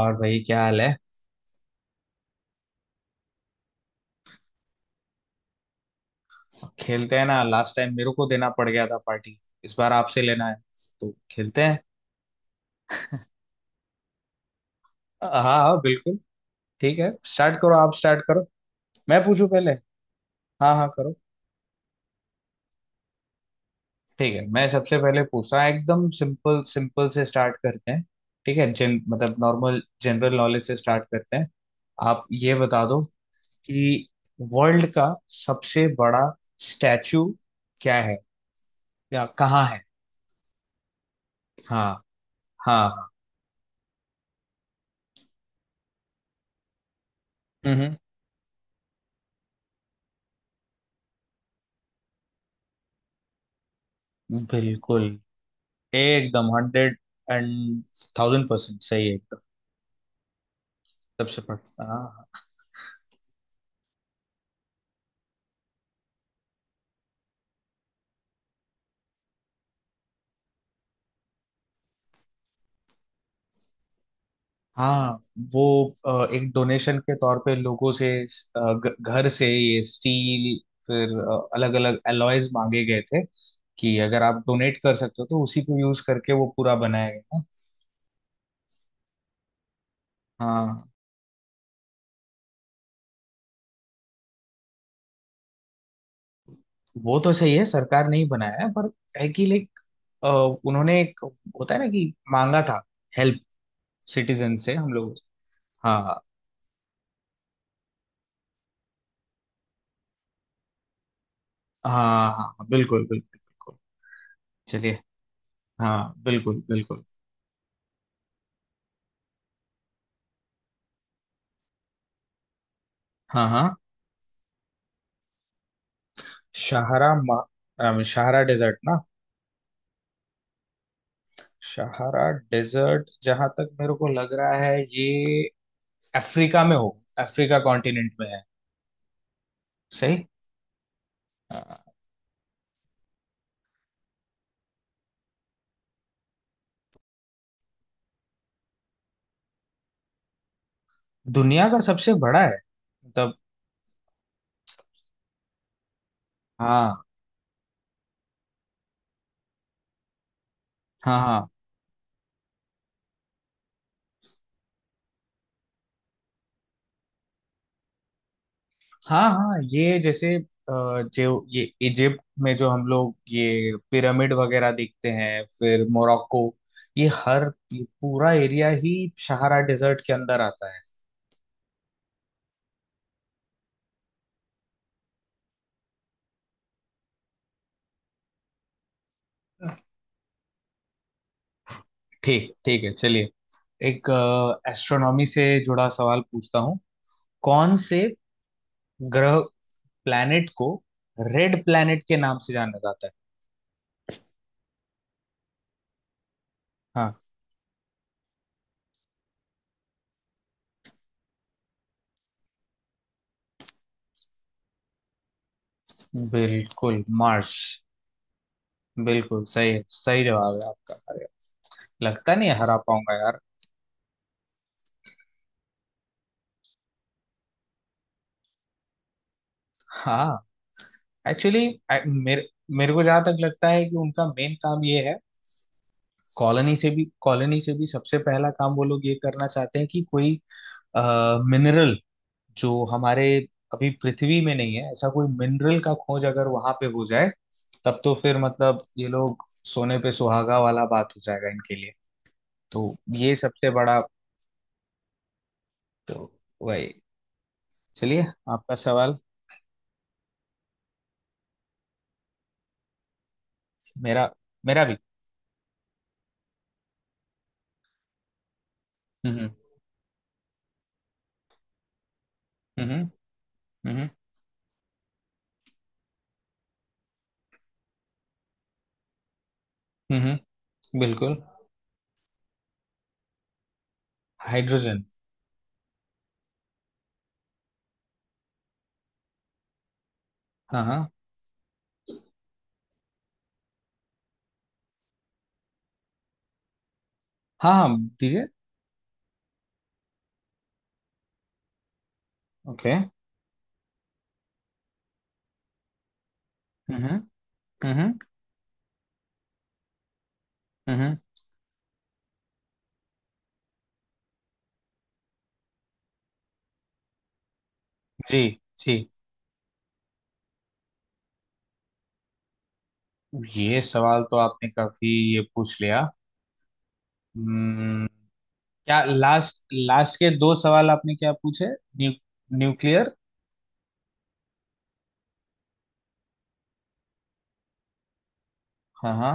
और भाई, क्या हाल है? खेलते हैं ना। लास्ट टाइम मेरे को देना पड़ गया था पार्टी। इस बार आपसे लेना है, तो खेलते हैं। हाँ, हाँ, बिल्कुल। ठीक है, स्टार्ट करो। आप स्टार्ट करो। मैं पूछूं पहले? हाँ, हाँ, करो। ठीक है, मैं सबसे पहले पूछता हूँ, एकदम सिंपल सिंपल से स्टार्ट करते हैं। ठीक है, जन मतलब नॉर्मल जनरल नॉलेज से स्टार्ट करते हैं। आप ये बता दो कि वर्ल्ड का सबसे बड़ा स्टैचू क्या है या कहाँ है। हाँ, हाँ, हाँ। हम्म। बिल्कुल। एकदम हंड्रेड एंड थाउजेंड परसेंट सही है, एकदम। सबसे पड़ता, हाँ। हाँ, वो एक डोनेशन के तौर पे लोगों से, घर से ये स्टील, फिर अलग अलग एलॉयज मांगे गए थे कि अगर आप डोनेट कर सकते हो तो उसी को यूज करके वो पूरा बनाया गया ना। हाँ, वो तो सही है, सरकार नहीं बनाया है, पर है कि लाइक उन्होंने एक होता है ना कि मांगा था हेल्प सिटीजन से, हम लोग। हाँ, हाँ। हाँ, हाँ, बिल्कुल बिल्कुल बिल्कुल। चलिए। हाँ, बिल्कुल बिल्कुल। हाँ, हाँ। शाहरा मा, शाहरा डेजर्ट ना? शाहरा डेजर्ट जहां तक मेरे को लग रहा है ये अफ्रीका में हो अफ्रीका कॉन्टिनेंट में है। सही। अ, दुनिया का सबसे बड़ा है मतलब। हाँ, हाँ, हाँ, हाँ, हाँ, ये जैसे जो ये इजिप्ट में जो हम लोग ये पिरामिड वगैरह देखते हैं, फिर मोरक्को, ये हर ये पूरा एरिया ही सहारा डेजर्ट के अंदर आता है। ठीक, ठीक है। चलिए, एक एस्ट्रोनॉमी से जुड़ा सवाल पूछता हूँ। कौन से ग्रह, प्लैनेट को रेड प्लैनेट के नाम से जाना जाता है? हाँ, बिल्कुल, मार्स। बिल्कुल सही है, सही जवाब है आपका, अरे। लगता नहीं हरा पाऊंगा, यार। हाँ, एक्चुअली मेरे मेरे को जहां तक लगता है कि उनका मेन काम ये है। कॉलोनी से भी सबसे पहला काम वो लोग ये करना चाहते हैं कि कोई मिनरल, जो हमारे अभी पृथ्वी में नहीं है, ऐसा कोई मिनरल का खोज अगर वहां पे हो जाए, तब तो फिर मतलब ये लोग सोने पे सुहागा वाला बात हो जाएगा इनके लिए। तो ये सबसे बड़ा, तो वही। चलिए। आपका सवाल। मेरा मेरा भी। हम्म, हम्म, हम्म, हम्म, हम्म। बिल्कुल, हाइड्रोजन। हाँ, हाँ, हाँ, हाँ, दीजिए। ओके। हम्म, हम्म, हम्म। जी, जी। ये सवाल तो आपने काफी, ये पूछ लिया। हम्म। क्या लास्ट लास्ट के दो सवाल आपने क्या पूछे? New nuclear. हाँ, हाँ,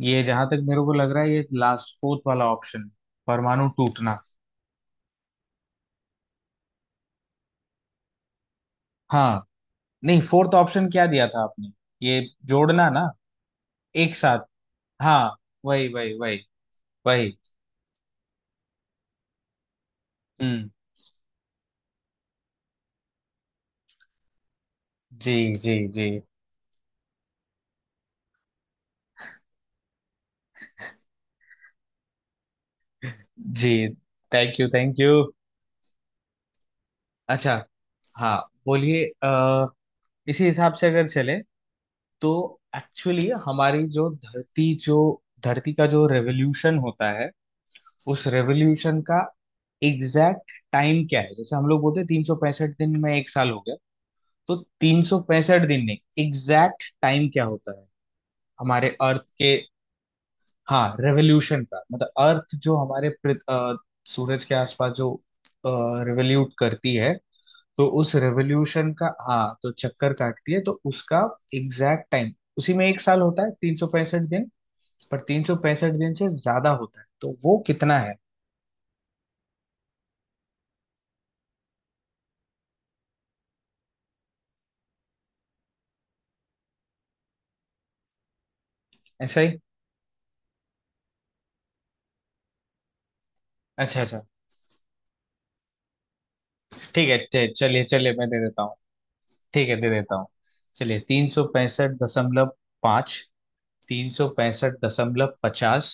ये जहां तक मेरे को लग रहा है ये लास्ट फोर्थ वाला ऑप्शन, परमाणु टूटना। हाँ। नहीं, फोर्थ ऑप्शन क्या दिया था आपने? ये जोड़ना ना, एक साथ। हाँ, वही वही वही वही। हम्म। जी, जी, जी, जी। Thank you, thank you. अच्छा, हाँ, बोलिए। इसी हिसाब से अगर चले तो, एक्चुअली हमारी जो धरती का जो रेवोल्यूशन होता है, उस रेवोल्यूशन का एग्जैक्ट टाइम क्या है? जैसे हम लोग बोलते हैं 365 दिन में एक साल हो गया, तो 365 दिन में एग्जैक्ट टाइम क्या होता है हमारे अर्थ के? हाँ, रेवोल्यूशन का मतलब अर्थ जो हमारे सूरज के आसपास जो रेवोल्यूट करती है, तो उस रेवोल्यूशन का, हाँ, तो चक्कर काटती है, तो उसका एग्जैक्ट टाइम, उसी में एक साल होता है, 365 दिन। पर तीन सौ पैंसठ दिन से ज्यादा होता है, तो वो कितना है? ऐसा ही। अच्छा, अच्छा। ठीक है, चलिए चलिए, मैं दे देता हूँ। ठीक है, दे देता हूँ। चलिए, 365.5, 365.50,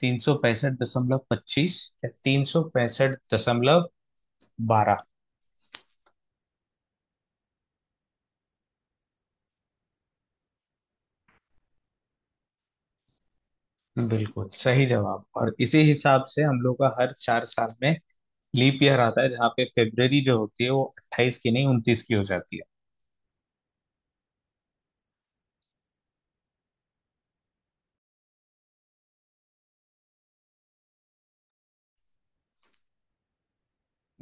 365.25 या 365.12। बिल्कुल सही जवाब। और इसी हिसाब से हम लोग का हर 4 साल में लीप ईयर आता है, जहाँ पे फेब्रवरी जो होती है वो 28 की नहीं, 29 की हो जाती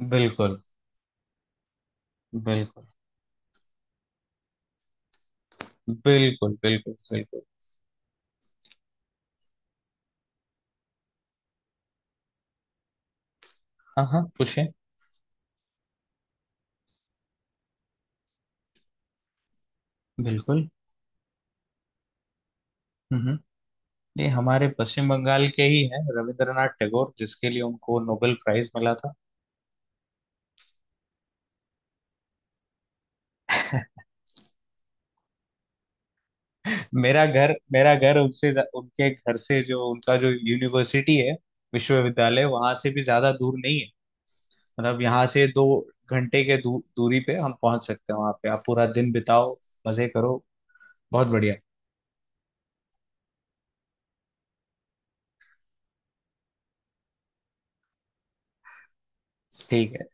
है। बिल्कुल बिल्कुल बिल्कुल बिल्कुल बिल्कुल। हाँ, हाँ, पूछे। बिल्कुल। हम्म। ये हमारे पश्चिम बंगाल के ही हैं, रविंद्रनाथ टैगोर, जिसके लिए उनको नोबेल प्राइज मिला था। मेरा घर उनसे, उनके घर से, जो उनका जो यूनिवर्सिटी है, विश्वविद्यालय, वहां से भी ज्यादा दूर नहीं है। मतलब यहाँ से 2 घंटे के दूरी पे हम पहुंच सकते हैं। वहां पे आप पूरा दिन बिताओ, मजे करो, बहुत बढ़िया। ठीक है।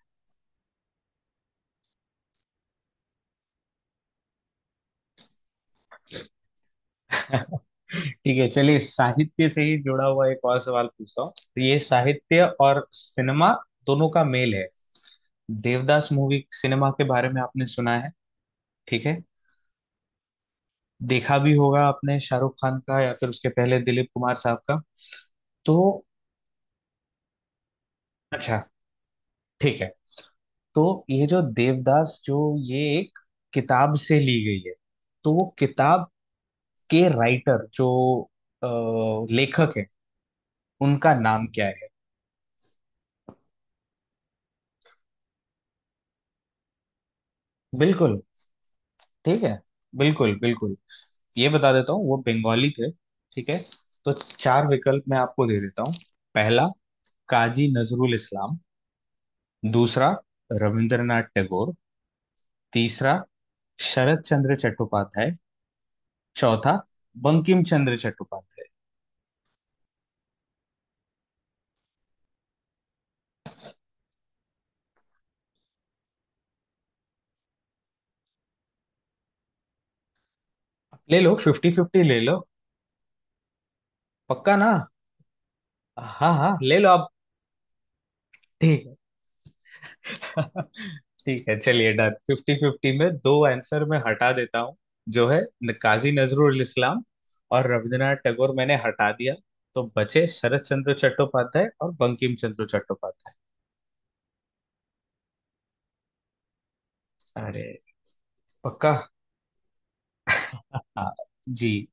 ठीक है, चलिए, साहित्य से ही जुड़ा हुआ एक और सवाल पूछता हूँ। तो ये साहित्य और सिनेमा दोनों का मेल है। देवदास मूवी, सिनेमा के बारे में आपने सुना है, ठीक है? देखा भी होगा आपने, शाहरुख खान का या फिर उसके पहले दिलीप कुमार साहब का। तो, अच्छा, ठीक है। तो ये जो देवदास, जो ये एक किताब से ली गई है, तो वो किताब के राइटर, जो अ, लेखक है, उनका नाम क्या है? बिल्कुल। ठीक है, बिल्कुल बिल्कुल। ये बता देता हूँ, वो बंगाली थे। ठीक है, तो चार विकल्प मैं आपको दे देता हूँ। पहला, काजी नजरुल इस्लाम। दूसरा, रविंद्रनाथ टैगोर। तीसरा, शरत चंद्र चट्टोपाध्याय। चौथा, बंकिम चंद्र चट्टोपाध्याय। ले लो फिफ्टी फिफ्टी, ले लो। पक्का ना? हाँ, हाँ, ले लो आप। ठीक है, चलिए, डन। फिफ्टी फिफ्टी में दो आंसर मैं हटा देता हूँ। जो है, काजी नजरुल इस्लाम और रविंद्रनाथ टैगोर, मैंने हटा दिया। तो बचे शरत चंद्र चट्टोपाध्याय और बंकिम चंद्र चट्टोपाध्याय। अरे, पक्का? हाँ जी।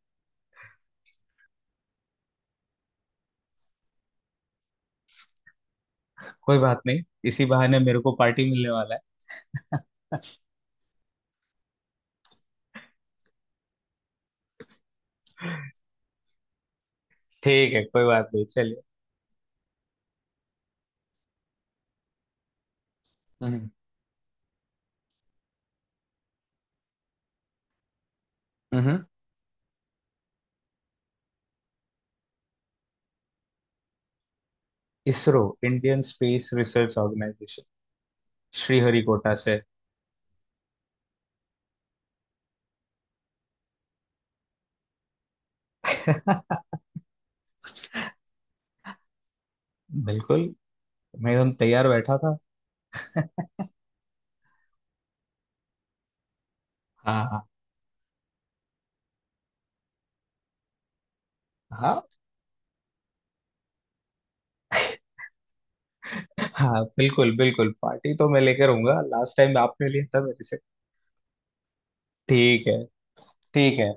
कोई बात नहीं, इसी बहाने मेरे को पार्टी मिलने वाला है। ठीक है, कोई बात नहीं, चलिए। हम्म, हम्म। ISRO, Indian space research organisation, Sriharikota से। बिल्कुल। मैं एकदम तैयार बैठा था। हाँ, हाँ। हाँ, हाँ, बिल्कुल बिल्कुल, पार्टी तो मैं लेकर आऊंगा, लास्ट टाइम आपने लिया था मेरे से। ठीक है। ठीक है,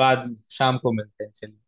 बाद शाम को मिलते हैं। चलिए।